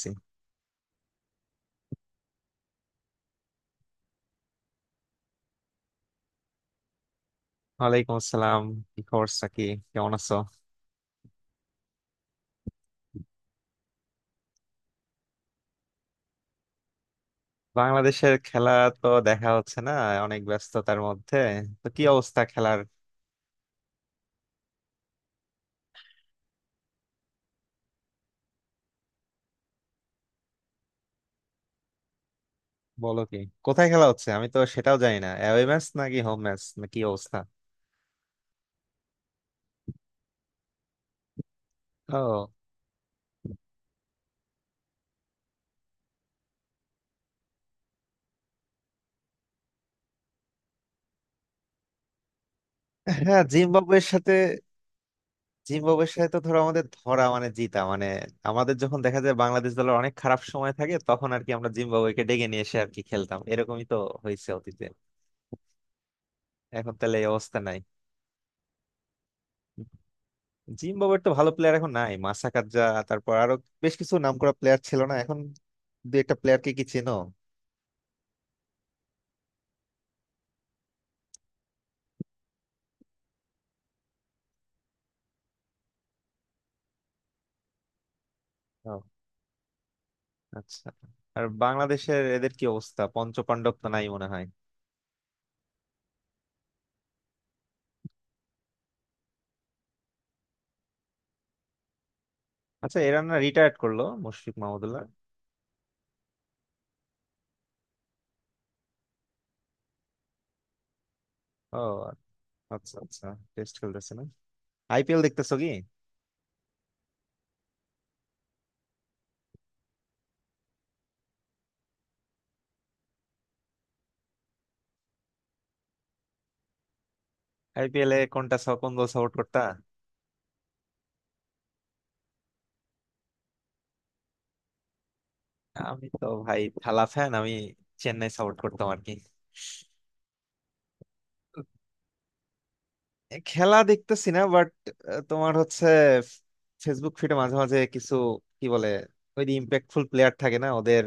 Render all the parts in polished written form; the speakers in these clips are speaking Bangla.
জি। ওয়ালাইকুম আসসালাম। কি খবর সাকি? কেমন আছো? বাংলাদেশের খেলা তো দেখা হচ্ছে না, অনেক ব্যস্ততার মধ্যে। তো কি অবস্থা খেলার? বলো কি! কোথায় খেলা হচ্ছে? আমি তো সেটাও জানি না। অ্যাওয়ে ম্যাচ নাকি হোম ম্যাচ, না কি অবস্থা? ও। হ্যাঁ, জিম্বাবুয়ের সাথে। জিম্বাবুয়ের সাথে তো ধরো আমাদের ধরা মানে জিতা মানে আমাদের যখন দেখা যায় বাংলাদেশ দলের অনেক খারাপ সময় থাকে তখন আর কি আমরা জিম্বাবুয়েকে ডেকে নিয়ে এসে আর কি খেলতাম, এরকমই তো হয়েছে অতীতে। এখন তাহলে এই অবস্থা নাই। জিম্বাবুয়ের তো ভালো প্লেয়ার এখন নাই, মাসাকাদজা, তারপর আরো বেশ কিছু নামকরা প্লেয়ার ছিল না? এখন দু একটা প্লেয়ারকে কি চেনো? ও, আচ্ছা। আর বাংলাদেশের এদের কি অবস্থা? পঞ্চপাণ্ডব তো নাই মনে হয়। আচ্ছা, এরা না রিটায়ার্ড করলো মুশফিক মাহমুদুল্লাহ? ও, আচ্ছা আচ্ছা। টেস্ট খেলতেছে না? আইপিএল দেখতেছো কি? আইপিএল এ কোনটা কোন দল সাপোর্ট করতা? আমি তো ভাই থালা ফ্যান, আমি চেন্নাই সাপোর্ট করতাম আর কি। খেলা দেখতেছি না বাট তোমার হচ্ছে ফেসবুক ফিডে মাঝে মাঝে কিছু কি বলে ওই যে ইম্প্যাক্টফুল প্লেয়ার থাকে না ওদের,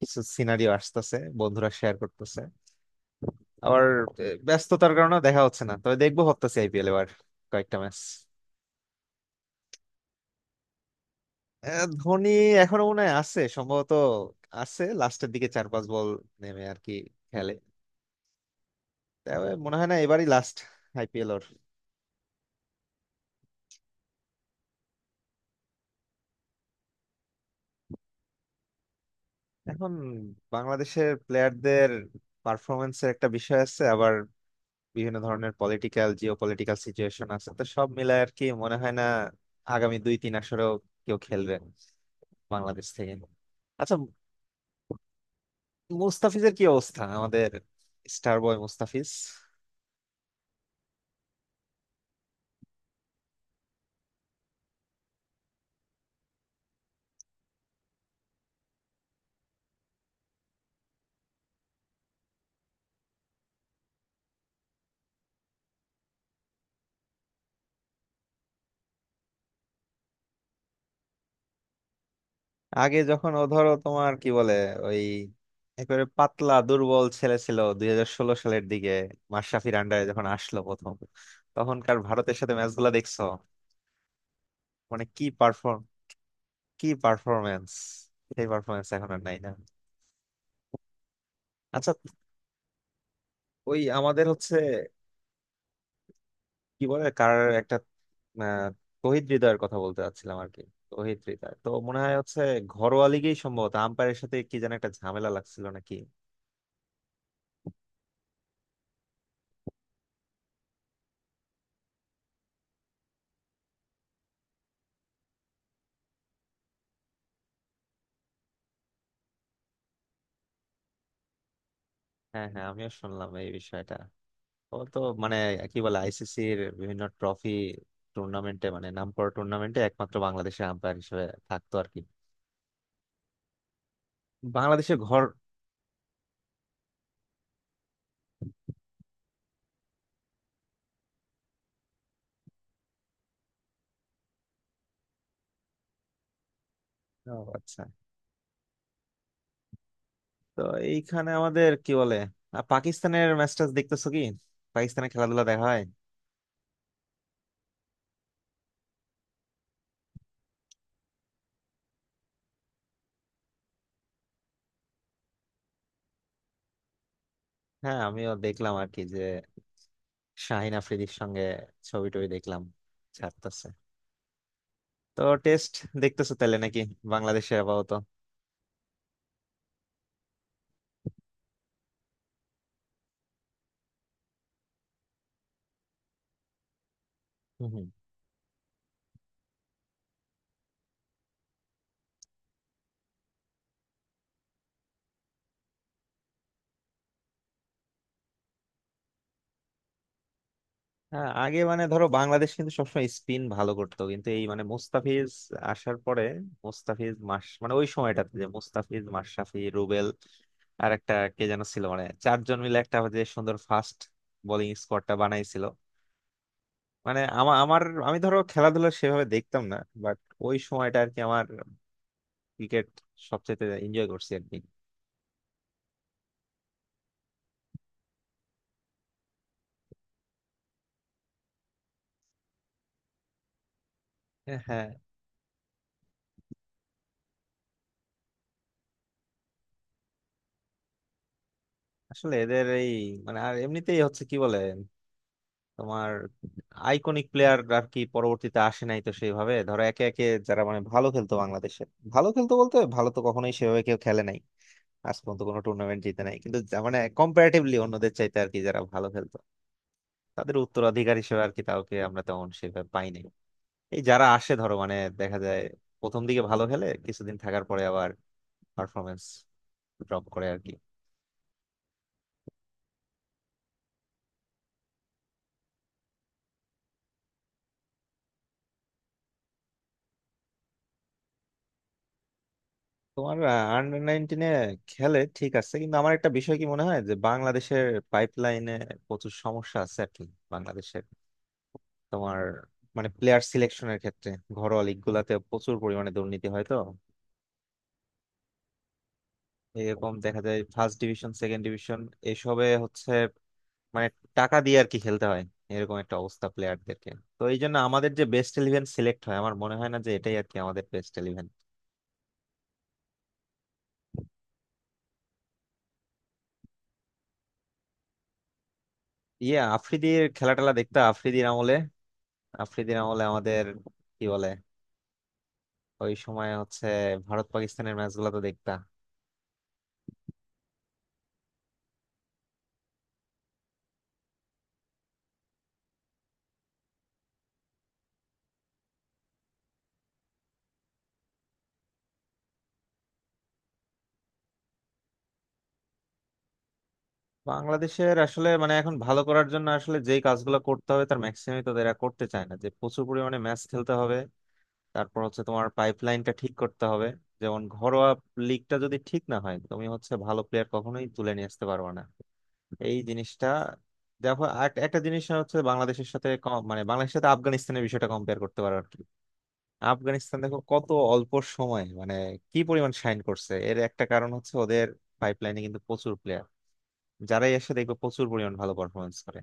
কিছু সিনারিও আসতেছে, বন্ধুরা শেয়ার করতেছে। আবার ব্যস্ততার কারণে দেখা হচ্ছে না, তবে দেখবো ভাবতেছি আইপিএল এবার কয়েকটা ম্যাচ। ধোনি এখনো মনে হয় আছে সম্ভবত। আছে, লাস্টের দিকে চার পাঁচ বল নেমে আর কি খেলে। তবে মনে হয় না এবারই লাস্ট আইপিএল ওর। এখন বাংলাদেশের প্লেয়ারদের পারফরমেন্সের একটা বিষয় আছে, আবার বিভিন্ন ধরনের পলিটিক্যাল, জিও পলিটিক্যাল সিচুয়েশন আছে, তো সব মিলায় আর কি মনে হয় না আগামী 2-3 আসরেও কেউ খেলবে বাংলাদেশ থেকে। আচ্ছা। মুস্তাফিজের কি অবস্থা আমাদের স্টার বয় মুস্তাফিজ? আগে যখন ও ধরো তোমার কি বলে ওই একেবারে পাতলা দুর্বল ছেলে ছিল 2016 সালের দিকে, মাশরাফির আন্ডারে যখন আসলো প্রথম, তখনকার ভারতের সাথে ম্যাচ গুলা দেখছো? মানে কি পারফর্ম, কি পারফরমেন্স! সেই পারফরমেন্স এখন আর নাই, না? আচ্ছা। ওই আমাদের হচ্ছে কি বলে কার একটা আহ, তহিদ হৃদয়ের কথা বলতে চাচ্ছিলাম আর কি। তহিদ হৃদয় তো মনে হয় হচ্ছে ঘরোয়া লিগেই সম্ভবত আম্পায়ারের সাথে কি যেন একটা ঝামেলা লাগছিল, নাকি? হ্যাঁ হ্যাঁ, আমিও শুনলাম এই বিষয়টা। ও তো মানে কি বলে আইসিসির বিভিন্ন ট্রফি, টুর্নামেন্টে মানে নামকরা টুর্নামেন্টে একমাত্র বাংলাদেশের আম্পায়ার হিসেবে থাকতো আর কি। বাংলাদেশের ঘর। ও, আচ্ছা। তো এইখানে আমাদের কি বলে, আর পাকিস্তানের ম্যাচটা দেখতেছো কি? পাকিস্তানের খেলাধুলা দেখা হয়? হ্যাঁ, আমিও দেখলাম আর কি যে শাহিন আফ্রিদির সঙ্গে ছবি টবি দেখলাম ছাড়তেছে। তো টেস্ট দেখতেছো তাহলে নাকি বাংলাদেশে আপাতত? হুম হুম। হ্যাঁ, আগে মানে ধরো বাংলাদেশ কিন্তু সবসময় স্পিন ভালো করতো, কিন্তু এই মানে মোস্তাফিজ আসার পরে মোস্তাফিজ মাস মানে ওই সময়টাতে যে মোস্তাফিজ মাশরাফি রুবেল আর একটা কে যেন ছিল মানে চারজন মিলে একটা যে সুন্দর ফাস্ট বোলিং স্কোয়াডটা বানাইছিল। মানে আমার আমার আমি ধরো খেলাধুলা সেভাবে দেখতাম না, বাট ওই সময়টা আর কি আমার ক্রিকেট সবচেয়ে এনজয় করছি আর কি। হ্যাঁ, আসলে এদের এই মানে আর এমনিতেই হচ্ছে কি বলে তোমার আইকনিক প্লেয়ার আর কি পরবর্তীতে আসে নাই তো সেইভাবে, ধরো একে একে যারা মানে ভালো খেলতো বাংলাদেশে, ভালো খেলতো বলতে ভালো তো কখনোই সেভাবে কেউ খেলে নাই, আজ পর্যন্ত কোনো টুর্নামেন্ট জিতে নাই, কিন্তু মানে কম্পারেটিভলি অন্যদের চাইতে আর কি যারা ভালো খেলতো, তাদের উত্তরাধিকার হিসেবে আর কি তাকে আমরা তেমন সেভাবে পাই নাই। এই যারা আসে ধরো মানে দেখা যায় প্রথম দিকে ভালো খেলে কিছুদিন থাকার পরে আবার পারফরমেন্স ড্রপ করে আর কি। তোমার আন্ডার 19-এ খেলে ঠিক আছে, কিন্তু আমার একটা বিষয় কি মনে হয় যে বাংলাদেশের পাইপলাইনে প্রচুর সমস্যা আছে আর কি। বাংলাদেশের তোমার মানে প্লেয়ার সিলেকশনের ক্ষেত্রে ঘরোয়া লিগ গুলাতে প্রচুর পরিমাণে দুর্নীতি হয় তো, এরকম দেখা যায় ফার্স্ট ডিভিশন, সেকেন্ড ডিভিশন এসবে হচ্ছে মানে টাকা দিয়ে আর কি খেলতে হয় এরকম একটা অবস্থা প্লেয়ারদেরকে। তো এই জন্য আমাদের যে বেস্ট ইলেভেন সিলেক্ট হয় আমার মনে হয় না যে এটাই আর কি আমাদের বেস্ট ইলেভেন। ইয়ে আফ্রিদির খেলা টেলা দেখতে আফ্রিদির আমলে, আফ্রিদির আমলে আমাদের কি বলে ওই সময় হচ্ছে ভারত পাকিস্তানের ম্যাচগুলো তো দেখতা? বাংলাদেশের আসলে মানে এখন ভালো করার জন্য আসলে যেই কাজগুলো করতে হবে তার ম্যাক্সিমামই তো এরা করতে চায় না, যে প্রচুর পরিমাণে ম্যাচ খেলতে হবে, তারপর হচ্ছে তোমার পাইপলাইনটা ঠিক করতে হবে, যেমন ঘরোয়া লিগটা যদি ঠিক না হয় তুমি হচ্ছে ভালো প্লেয়ার কখনোই তুলে নিয়ে আসতে পারবে না এই জিনিসটা। দেখো আর একটা জিনিস হচ্ছে বাংলাদেশের সাথে মানে বাংলাদেশের সাথে আফগানিস্তানের বিষয়টা কম্পেয়ার করতে পারো আর কি। আফগানিস্তান দেখো কত অল্প সময় মানে কি পরিমাণ শাইন করছে, এর একটা কারণ হচ্ছে ওদের পাইপলাইনে কিন্তু প্রচুর প্লেয়ার, যারাই এসে দেখবে প্রচুর পরিমাণ ভালো পারফরমেন্স করে।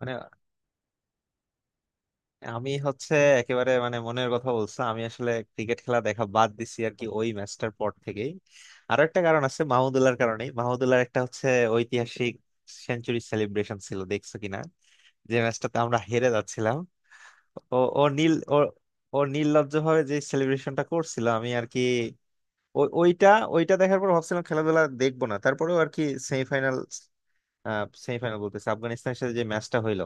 মানে আমি হচ্ছে একেবারে মানে মনের কথা বলছে, আমি আসলে ক্রিকেট খেলা দেখা বাদ দিছি আর কি ওই ম্যাচটার পর থেকেই। আরো একটা কারণ আছে, মাহমুদুল্লাহর কারণে, মাহমুদুল্লাহর একটা হচ্ছে ঐতিহাসিক সেঞ্চুরি সেলিব্রেশন ছিল দেখছো কিনা যে ম্যাচটাতে আমরা হেরে যাচ্ছিলাম। ও ও নীল ও ও নির্লজ্জ ভাবে যে সেলিব্রেশনটা করছিল আমি আর কি ওইটা, ওইটা দেখার পর ভাবছিলাম খেলাধুলা দেখবো না, তারপরেও আর কি সেমিফাইনাল, সেমিফাইনাল বলতেছে আফগানিস্তানের সাথে যে ম্যাচটা হইলো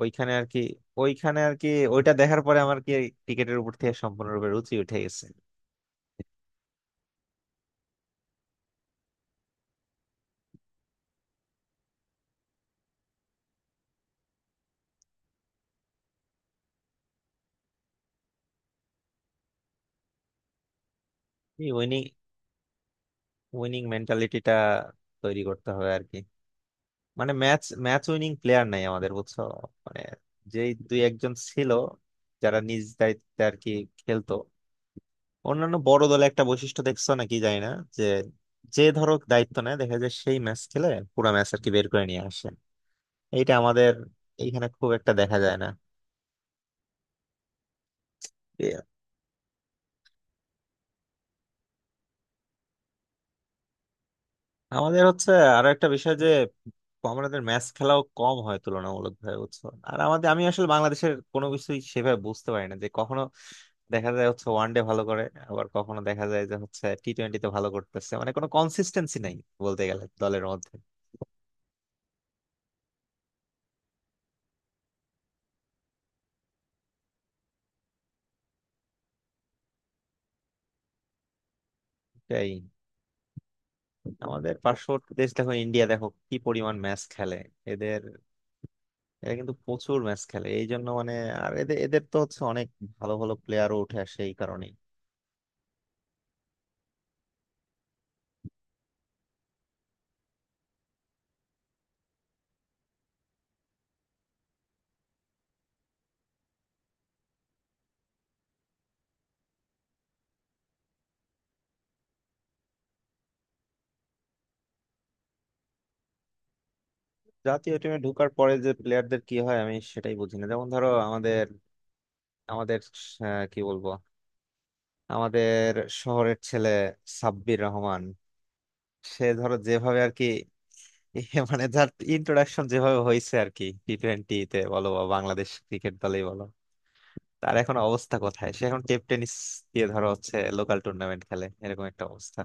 ওইখানে আর কি, ওইখানে আর কি ওইটা দেখার পরে আমার কি ক্রিকেটের উপর থেকে সম্পূর্ণরূপে রুচি উঠে গেছে। এই উইনিং, উইনিং মেন্টালিটিটা তৈরি করতে হবে আর কি। মানে ম্যাচ, ম্যাচ উইনিং প্লেয়ার নাই আমাদের, বুঝছো? মানে যেই দুই একজন ছিল যারা নিজ দায়িত্বে আর কি খেলতো। অন্যান্য বড় দলে একটা বৈশিষ্ট্য দেখছো নাকি জানি না, যে যে ধরো দায়িত্ব নেয় দেখা যায় সেই ম্যাচ খেলে, পুরো ম্যাচ আর কি বের করে নিয়ে আসে। এইটা আমাদের এইখানে খুব একটা দেখা যায় না। এ, আমাদের হচ্ছে আরো একটা বিষয় যে আমাদের ম্যাচ খেলাও কম হয় তুলনামূলক ভাবে, বুঝছো? আর আমাদের আমি আসলে বাংলাদেশের কোনো কিছুই সেভাবে বুঝতে পারি না, যে কখনো দেখা যায় হচ্ছে ওয়ান ডে ভালো করে, আবার কখনো দেখা যায় যে হচ্ছে টি টোয়েন্টিতে ভালো করতেছে, মানে কোনো কনসিস্টেন্সি নাই বলতে গেলে দলের মধ্যে। এটাই। আমাদের পার্শ্ববর্তী দেশ দেখো, ইন্ডিয়া দেখো কি পরিমাণ ম্যাচ খেলে এদের, এরা কিন্তু প্রচুর ম্যাচ খেলে এই জন্য মানে আর এদের এদের তো হচ্ছে অনেক ভালো ভালো প্লেয়ারও উঠে আসে এই কারণেই। জাতীয় টিমে ঢোকার পরে যে প্লেয়ারদের কি হয় আমি সেটাই বুঝি না, যেমন ধরো আমাদের আমাদের কি বলবো আমাদের শহরের ছেলে সাব্বির রহমান, সে ধরো যেভাবে আর কি এ মানে যার ইন্ট্রোডাকশন যেভাবে হয়েছে আর কি টি টোয়েন্টিতে বলো বা বাংলাদেশ ক্রিকেট দলেই বলো, তার এখন অবস্থা কোথায়? সে এখন টেপ টেনিস দিয়ে ধরো হচ্ছে লোকাল টুর্নামেন্ট খেলে এরকম একটা অবস্থা।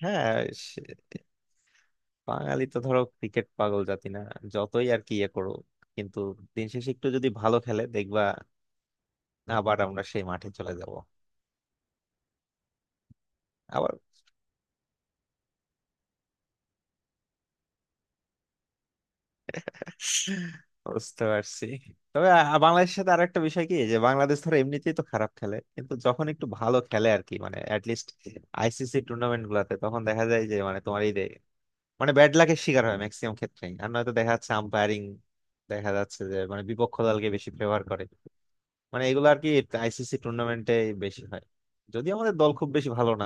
হ্যাঁ। সে- বাঙালি তো ধরো ক্রিকেট পাগল জাতি না, যতই আর কি ইয়ে করো, কিন্তু দিন শেষে একটু যদি ভালো খেলে দেখবা আবার আমরা সেই মাঠে চলে যাব। আবার বুঝতে পারছি। তবে বাংলাদেশের সাথে আরেকটা বিষয় কি যে বাংলাদেশ ধরো এমনিতেই তো খারাপ খেলে, কিন্তু যখন একটু ভালো খেলে আর কি মানে অ্যাটলিস্ট আইসিসি টুর্নামেন্ট গুলাতে, তখন দেখা যায় যে মানে তোমার এই যে মানে ব্যাড লাকের শিকার হয় ম্যাক্সিমাম ক্ষেত্রেই, আর নয়তো দেখা যাচ্ছে আম্পায়ারিং, দেখা যাচ্ছে যে মানে বিপক্ষ দলকে বেশি ফেভার করে, মানে এগুলো আর কি আইসিসি টুর্নামেন্টে বেশি হয়, যদিও আমাদের দল খুব বেশি ভালো না।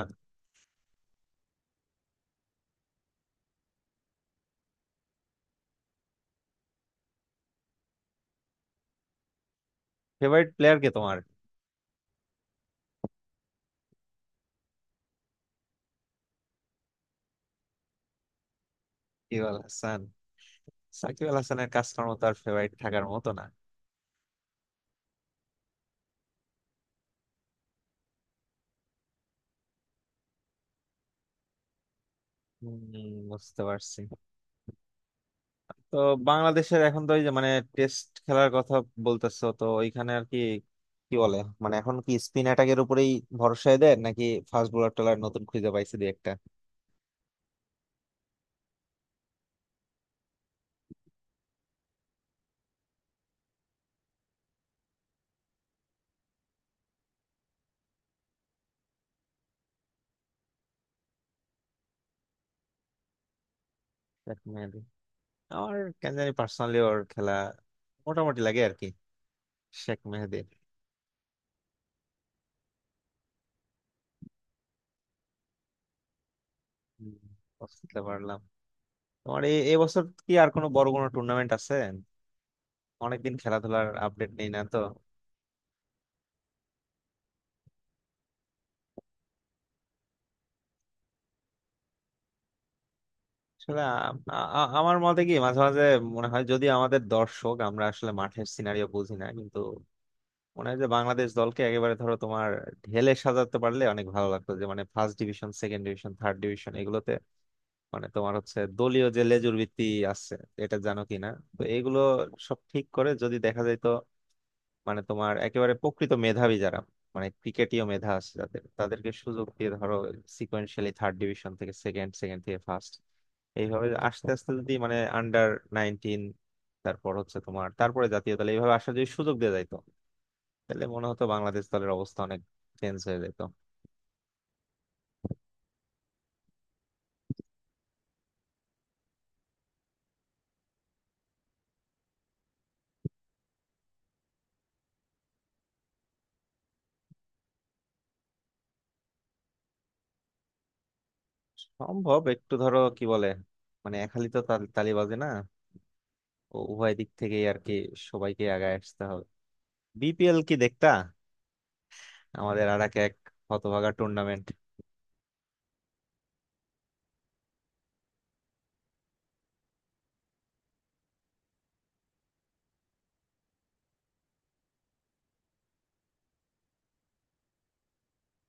ফেভারিট প্লেয়ার কে তোমার? সাকিব আল হাসান। সাকিব আল হাসানের কাজকর্ম তো আর ফেভারিট থাকার মতো না। হম। বুঝতে পারছি। তো বাংলাদেশের এখন তো ওই যে মানে টেস্ট খেলার কথা বলতেছো তো ওইখানে আর কি কি বলে মানে এখন কি স্পিন অ্যাটাকের উপরেই ভরসায় দেয় নাকি ফাস্ট বোলার টোলার নতুন খুঁজে পাইছে দুই একটা? আমার কেন জানি পার্সোনালি ওর খেলা মোটামুটি লাগে আর কি, শেখ মেহেদির। হুম, বুঝতে পারলাম। তোমার এই এবছর কি আর কোনো বড় কোনো টুর্নামেন্ট আছে? অনেকদিন খেলাধুলার আপডেট নেই না তো। আসলে আমার মতে কি মাঝে মাঝে মনে হয় যদি আমাদের দর্শক, আমরা আসলে মাঠের সিনারিও বুঝি না, কিন্তু মনে হয় যে বাংলাদেশ দলকে একেবারে ধরো তোমার ঢেলে সাজাতে পারলে অনেক ভালো লাগতো, যে মানে first division, second division, third division এগুলোতে মানে তোমার হচ্ছে দলীয় যে লেজুর ভিত্তি আছে এটা জানো কিনা। তো এগুলো সব ঠিক করে যদি দেখা যায় তো মানে তোমার একেবারে প্রকৃত মেধাবী যারা, মানে ক্রিকেটীয় মেধা আছে যাদের তাদেরকে সুযোগ দিয়ে ধরো সিকোয়েন্সিয়ালি থার্ড ডিভিশন থেকে সেকেন্ড, সেকেন্ড থেকে ফার্স্ট, এইভাবে আস্তে আস্তে যদি মানে আন্ডার 19, তারপর হচ্ছে তোমার তারপরে জাতীয় দলে এইভাবে আসার যদি সুযোগ দিয়ে যাইতো তাহলে মনে হতো বাংলাদেশ দলের অবস্থা অনেক চেঞ্জ হয়ে যেত। সম্ভব একটু ধরো কি বলে মানে একালি তো তালিবাজি না, উভয় দিক থেকেই আর কি সবাইকে আগায় আসতে হবে। বিপিএল কি দেখতা? আমাদের আর এক এক হতভাগা টুর্নামেন্ট।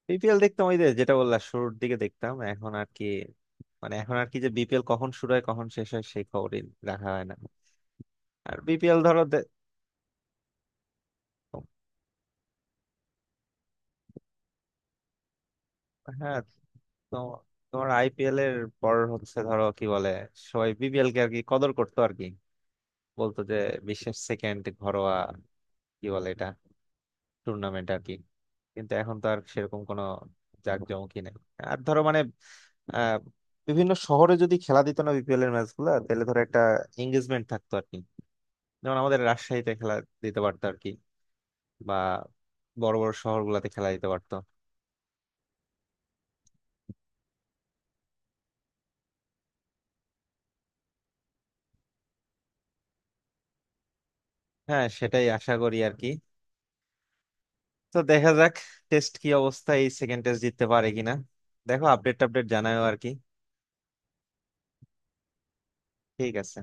বিপিএল দেখতাম ওই যে যেটা বললাম শুরুর দিকে, দেখতাম এখন আর কি, মানে এখন আর কি যে বিপিএল কখন শুরু হয় কখন শেষ হয় সেই খবরই রাখা হয় না। আর বিপিএল ধরো হ্যাঁ। তো তোমার আইপিএল এর পর হচ্ছে ধরো কি বলে সবাই বিপিএল কে আর কি কদর করতো আর কি, বলতো যে বিশ্বের সেকেন্ড ঘরোয়া কি বলে এটা টুর্নামেন্ট আর কি, কিন্তু এখন তো আর সেরকম কোনো জাঁকজমকই নেই। আর ধরো মানে আহ বিভিন্ন শহরে যদি খেলা দিত না বিপিএল এর ম্যাচ গুলা তাহলে ধরো একটা এঙ্গেজমেন্ট থাকতো আর কি, যেমন আমাদের রাজশাহীতে খেলা দিতে পারতো আর কি, বা বড় বড় শহর গুলাতে খেলা দিতে পারতো। হ্যাঁ, সেটাই আশা করি আর কি। তো দেখা যাক, টেস্ট কি অবস্থা, এই সেকেন্ড টেস্ট জিততে পারে কিনা, দেখো আপডেট টাপডেট জানাও আর কি। ঠিক আছে।